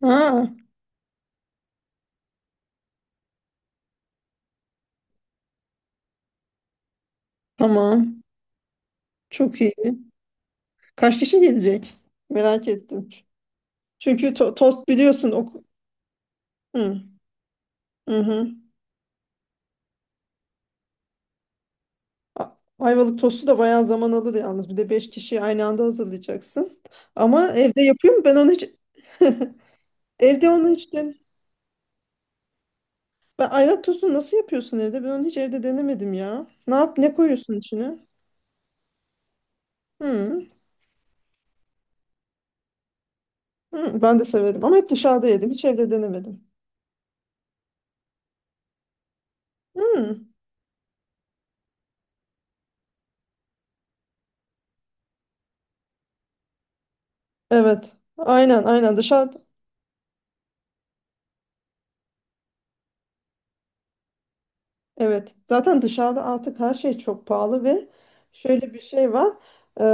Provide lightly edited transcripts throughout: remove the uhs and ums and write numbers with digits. Ha, tamam. Çok iyi. Kaç kişi gelecek? Merak ettim. Çünkü tost biliyorsun. Hı, hı hı. A- Ayvalık tostu da bayağı zaman alır yalnız. Bir de 5 kişiyi aynı anda hazırlayacaksın. Ama evde yapıyor mu? Ben onu hiç evde onu hiç ben ayvalık tostunu nasıl yapıyorsun evde? Ben onu hiç evde denemedim ya. Ne yap ne koyuyorsun içine? Hı, hı, ben de severim ama hep dışarıda yedim. Hiç evde denemedim. Hı, evet. Aynen aynen dışarı. Evet, zaten dışarıda artık her şey çok pahalı ve şöyle bir şey var. Ee,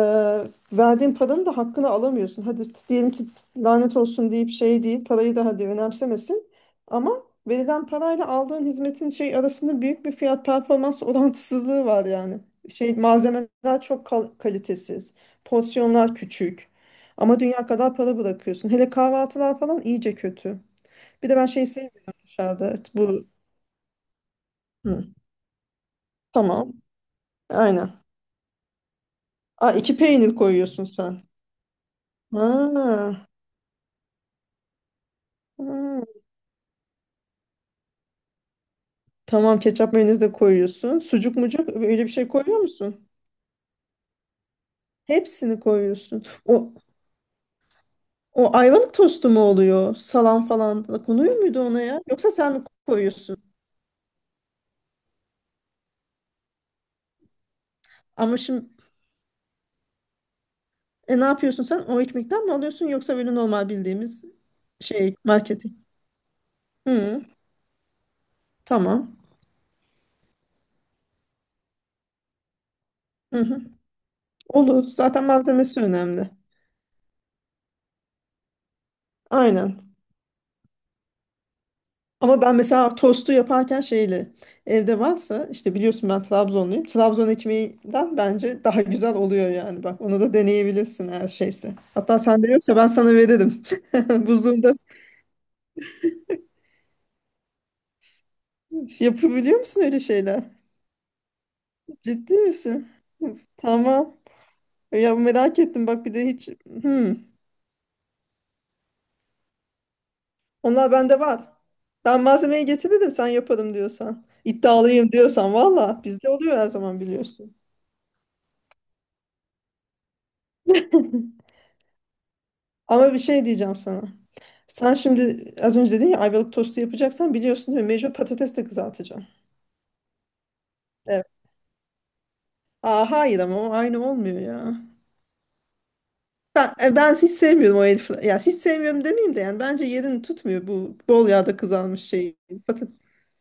verdiğin paranın da hakkını alamıyorsun. Hadi diyelim ki lanet olsun deyip şey değil, parayı da hadi önemsemesin. Ama verilen parayla aldığın hizmetin şey arasında büyük bir fiyat performans orantısızlığı var yani. Şey malzemeler çok kalitesiz, porsiyonlar küçük. Ama dünya kadar para bırakıyorsun. Hele kahvaltılar falan iyice kötü. Bir de ben şey sevmiyorum dışarıda. Bu hı, tamam. Aynen. Aa, iki peynir koyuyorsun sen. Ha. Ha. Tamam ketçap mayonez de koyuyorsun. Sucuk mucuk öyle bir şey koyuyor musun? Hepsini koyuyorsun. O o ayvalık tostu mu oluyor? Salam falan da konuyor muydu ona ya? Yoksa sen mi koyuyorsun? Ama şimdi e, ne yapıyorsun sen? O ekmekten mi alıyorsun yoksa böyle normal bildiğimiz şey marketi? Hı, tamam. Hı hı. Olur. Zaten malzemesi önemli. Aynen. Ama ben mesela tostu yaparken şeyle evde varsa işte biliyorsun ben Trabzonluyum. Trabzon ekmeğinden bence daha güzel oluyor yani. Bak onu da deneyebilirsin her şeyse. Hatta sende yoksa ben sana veririm. Buzluğunda yapabiliyor musun öyle şeyler? Ciddi misin? Tamam. Ya merak ettim bak bir de hiç. Hmm. Onlar bende var. Ben malzemeyi getirdim sen yaparım diyorsan. İddialıyım diyorsan valla bizde oluyor her zaman biliyorsun. Ama bir şey diyeceğim sana. Sen şimdi az önce dedin ya ayvalık tostu yapacaksan biliyorsun değil mi? Mecbur patates de kızartacaksın. Evet. Aa, hayır ama o aynı olmuyor ya. Ben hiç sevmiyorum o herif. Ya hiç sevmiyorum demeyeyim de yani bence yerini tutmuyor bu bol yağda kızarmış şey. Patat.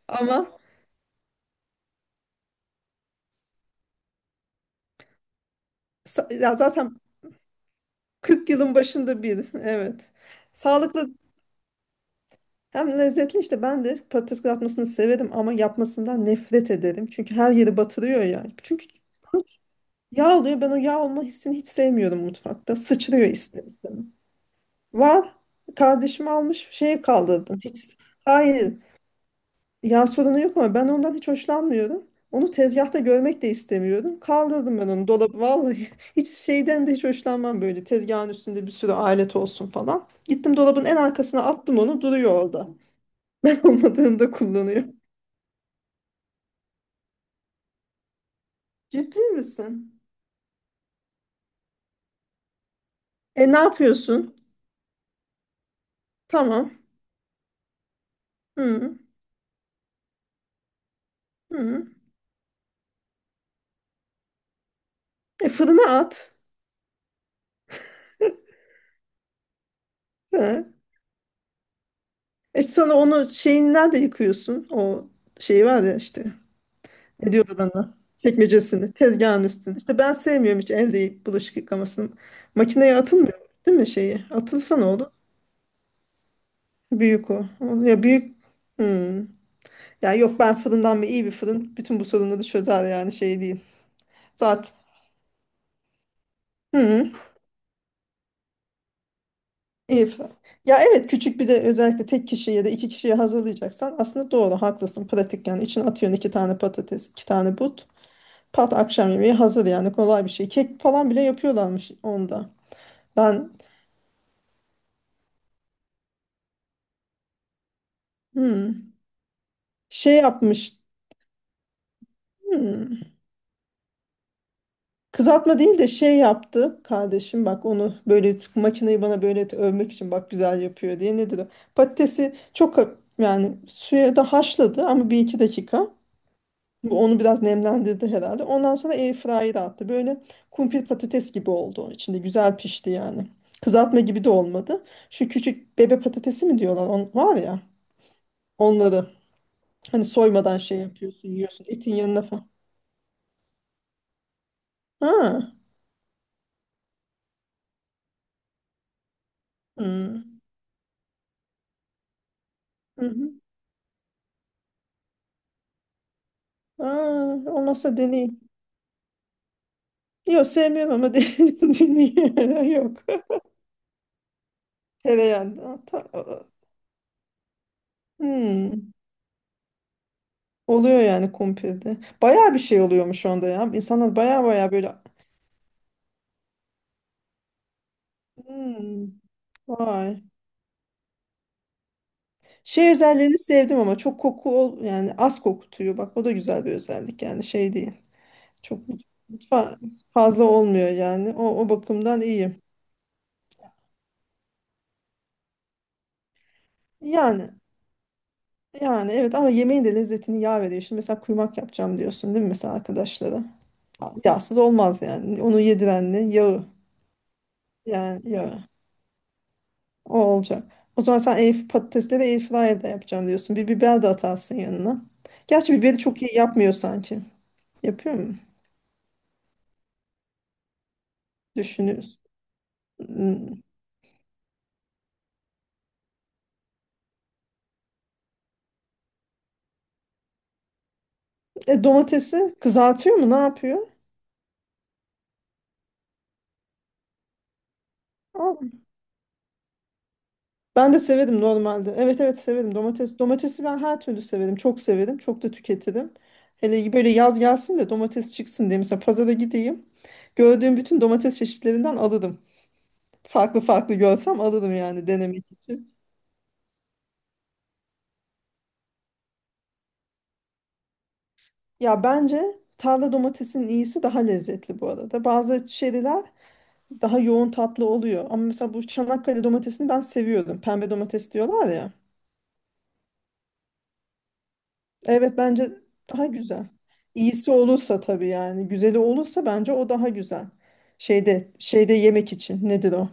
Ama ya zaten 40 yılın başında bir. Evet. Sağlıklı hem lezzetli işte ben de patates kızartmasını severim ama yapmasından nefret ederim. Çünkü her yeri batırıyor ya. Çünkü yağ oluyor. Ben o yağ olma hissini hiç sevmiyorum mutfakta. Sıçrıyor ister istemez. Var. Kardeşim almış şeye kaldırdım. Hiç hayır. Yağ sorunu yok ama ben ondan hiç hoşlanmıyorum. Onu tezgahta görmek de istemiyorum. Kaldırdım ben onu dolabı. Vallahi hiç şeyden de hiç hoşlanmam böyle. Tezgahın üstünde bir sürü alet olsun falan. Gittim dolabın en arkasına attım onu duruyor orada. Ben olmadığımda kullanıyor. Ciddi misin? E ne yapıyorsun? Tamam. Hı, hı. E fırına at. He. E sonra onu şeyin nerede yıkıyorsun. O şey var ya işte. Ne diyorlar ona? Çekmecesini, tezgahın üstünü. İşte ben sevmiyorum hiç el bulaşık yıkamasını. Makineye atılmıyor değil mi şeyi? Atılsa ne olur? Büyük o. Ya büyük... Hmm. Ya yok ben fırından mı iyi bir fırın bütün bu sorunları çözer yani şey değil. Zaten hı, iyi fırın. Ya evet küçük bir de özellikle tek kişi ya da iki kişiye hazırlayacaksan aslında doğru haklısın pratik yani içine atıyorsun iki tane patates iki tane but. Pat akşam yemeği hazır yani kolay bir şey. Kek falan bile yapıyorlarmış onda. Ben hmm, şey yapmış. Hmm, kızartma değil de şey yaptı kardeşim bak onu böyle makineyi bana böyle övmek için bak güzel yapıyor diye nedir o? Patatesi çok yani suya da haşladı ama bir iki dakika. Bu onu biraz nemlendirdi herhalde. Ondan sonra airfryer'a attı. Böyle kumpir patates gibi oldu. İçinde güzel pişti yani. Kızartma gibi de olmadı. Şu küçük bebe patatesi mi diyorlar? Var ya. Onları hani soymadan şey yapıyorsun, yiyorsun. Etin yanına falan. Ha. Hmm. Hı hı. Aa, olmazsa deneyeyim. Yok sevmiyorum ama deneyeyim. Yok. Tereyağında. Hmm. Oluyor yani kumpirde. Bayağı bir şey oluyormuş onda ya. İnsanlar bayağı bayağı böyle hmm. Vay. Şey özelliğini sevdim ama çok koku yani az kokutuyor. Bak o da güzel bir özellik yani şey değil. Çok mut- mutfa fazla olmuyor yani. O bakımdan iyi. Yani yani evet ama yemeğin de lezzetini yağ veriyor. Şimdi mesela kuymak yapacağım diyorsun değil mi mesela arkadaşlara? Yağsız olmaz yani. Onu yediren ne? Yağı. Yani yağı. O olacak. O zaman sen air, patatesleri airfryer'da yapacağım diyorsun. Bir biber de atarsın yanına. Gerçi biberi çok iyi yapmıyor sanki. Yapıyor mu? Düşünüyoruz. Hmm. E, domatesi kızartıyor mu? Ne yapıyor? Ben de severim normalde. Evet evet severim domates. Domatesi ben her türlü severim. Çok severim. Çok da tüketirim. Hele böyle yaz gelsin de domates çıksın diye mesela pazara gideyim. Gördüğüm bütün domates çeşitlerinden alırım. Farklı farklı görsem alırım yani denemek için. Ya bence tarla domatesinin iyisi daha lezzetli bu arada. Bazı çeriler daha yoğun tatlı oluyor. Ama mesela bu Çanakkale domatesini ben seviyorum. Pembe domates diyorlar ya. Evet bence daha güzel. İyisi olursa tabii yani güzeli olursa bence o daha güzel. Şeyde şeyde yemek için nedir o?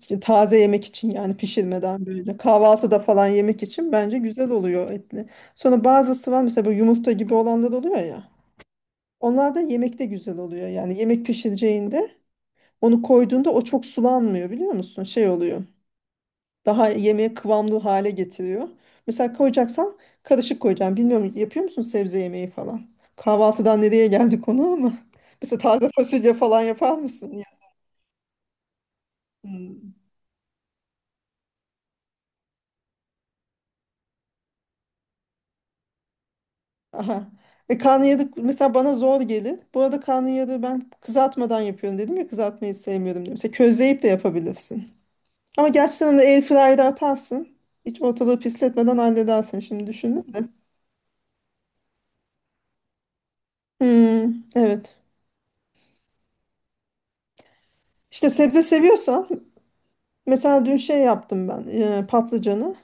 İşte Taze yemek için yani pişirmeden böyle kahvaltıda falan yemek için bence güzel oluyor etli. Sonra bazısı var mesela bu yumurta gibi olanlar oluyor ya. Onlar da yemekte güzel oluyor. Yani yemek pişireceğinde onu koyduğunda o çok sulanmıyor biliyor musun? Şey oluyor daha yemeğe kıvamlı hale getiriyor. Mesela koyacaksan karışık koyacağım. Bilmiyorum yapıyor musun sebze yemeği falan? Kahvaltıdan nereye geldi konu ama. Mesela taze fasulye falan yapar mısın? Ya? Hmm. Aha. E karnıyarık mesela bana zor gelir. Bu arada karnıyarığı ben kızartmadan yapıyorum dedim ya kızartmayı sevmiyorum dedim. Mesela közleyip de yapabilirsin. Ama gerçi sen onu atarsın. Hiç ortalığı pisletmeden halledersin şimdi düşündüm de. Hmm, evet. İşte sebze seviyorsan mesela dün şey yaptım ben patlıcanı.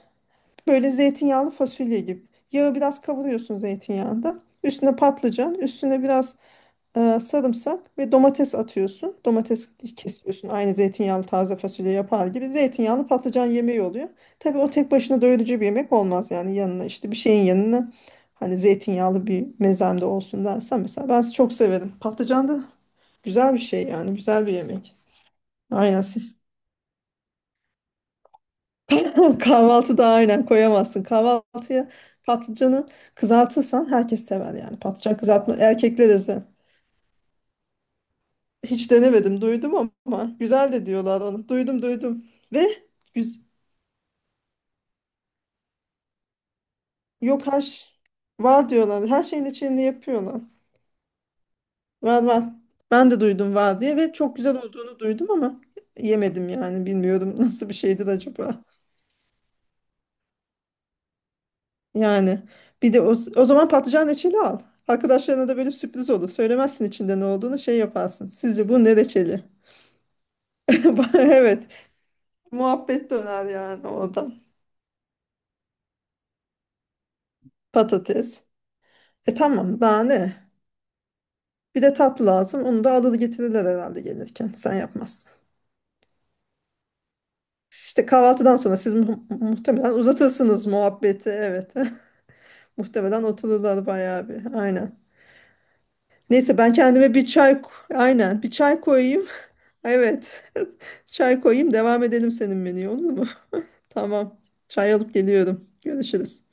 Böyle zeytinyağlı fasulye gibi. Yağı biraz kavuruyorsun zeytinyağında. Üstüne patlıcan, üstüne biraz sarımsak ve domates atıyorsun. Domates kesiyorsun. Aynı zeytinyağlı taze fasulye yapar gibi. Zeytinyağlı patlıcan yemeği oluyor. Tabii o tek başına doyurucu bir yemek olmaz. Yani yanına işte bir şeyin yanına hani zeytinyağlı bir mezemde olsun dersen mesela ben çok severim. Patlıcan da güzel bir şey yani güzel bir yemek. Aynen. Kahvaltıda aynen koyamazsın. Kahvaltıya patlıcanı kızartırsan herkes sever yani. Patlıcan kızartma erkekler özel. Hiç denemedim duydum ama güzel de diyorlar onu. Duydum duydum. Ve güz yok haş var diyorlar. Her şeyin içinde yapıyorlar. Var var. Ben de duydum var diye ve çok güzel olduğunu duydum ama yemedim yani. Bilmiyorum nasıl bir şeydir acaba. Yani bir de o zaman patlıcan reçeli al. Arkadaşlarına da böyle sürpriz olur. Söylemezsin içinde ne olduğunu şey yaparsın. Sizce bu ne reçeli? Evet. Muhabbet döner yani oradan. Patates. E tamam daha ne? Bir de tatlı lazım. Onu da alır getirirler herhalde gelirken. Sen yapmazsın. İşte kahvaltıdan sonra siz muhtemelen uzatırsınız muhabbeti. Evet. Muhtemelen otururlar bayağı bir. Aynen. Neyse ben kendime bir çay aynen bir çay koyayım. Evet. Çay koyayım devam edelim senin menüye olur mu? Tamam. Çay alıp geliyorum. Görüşürüz.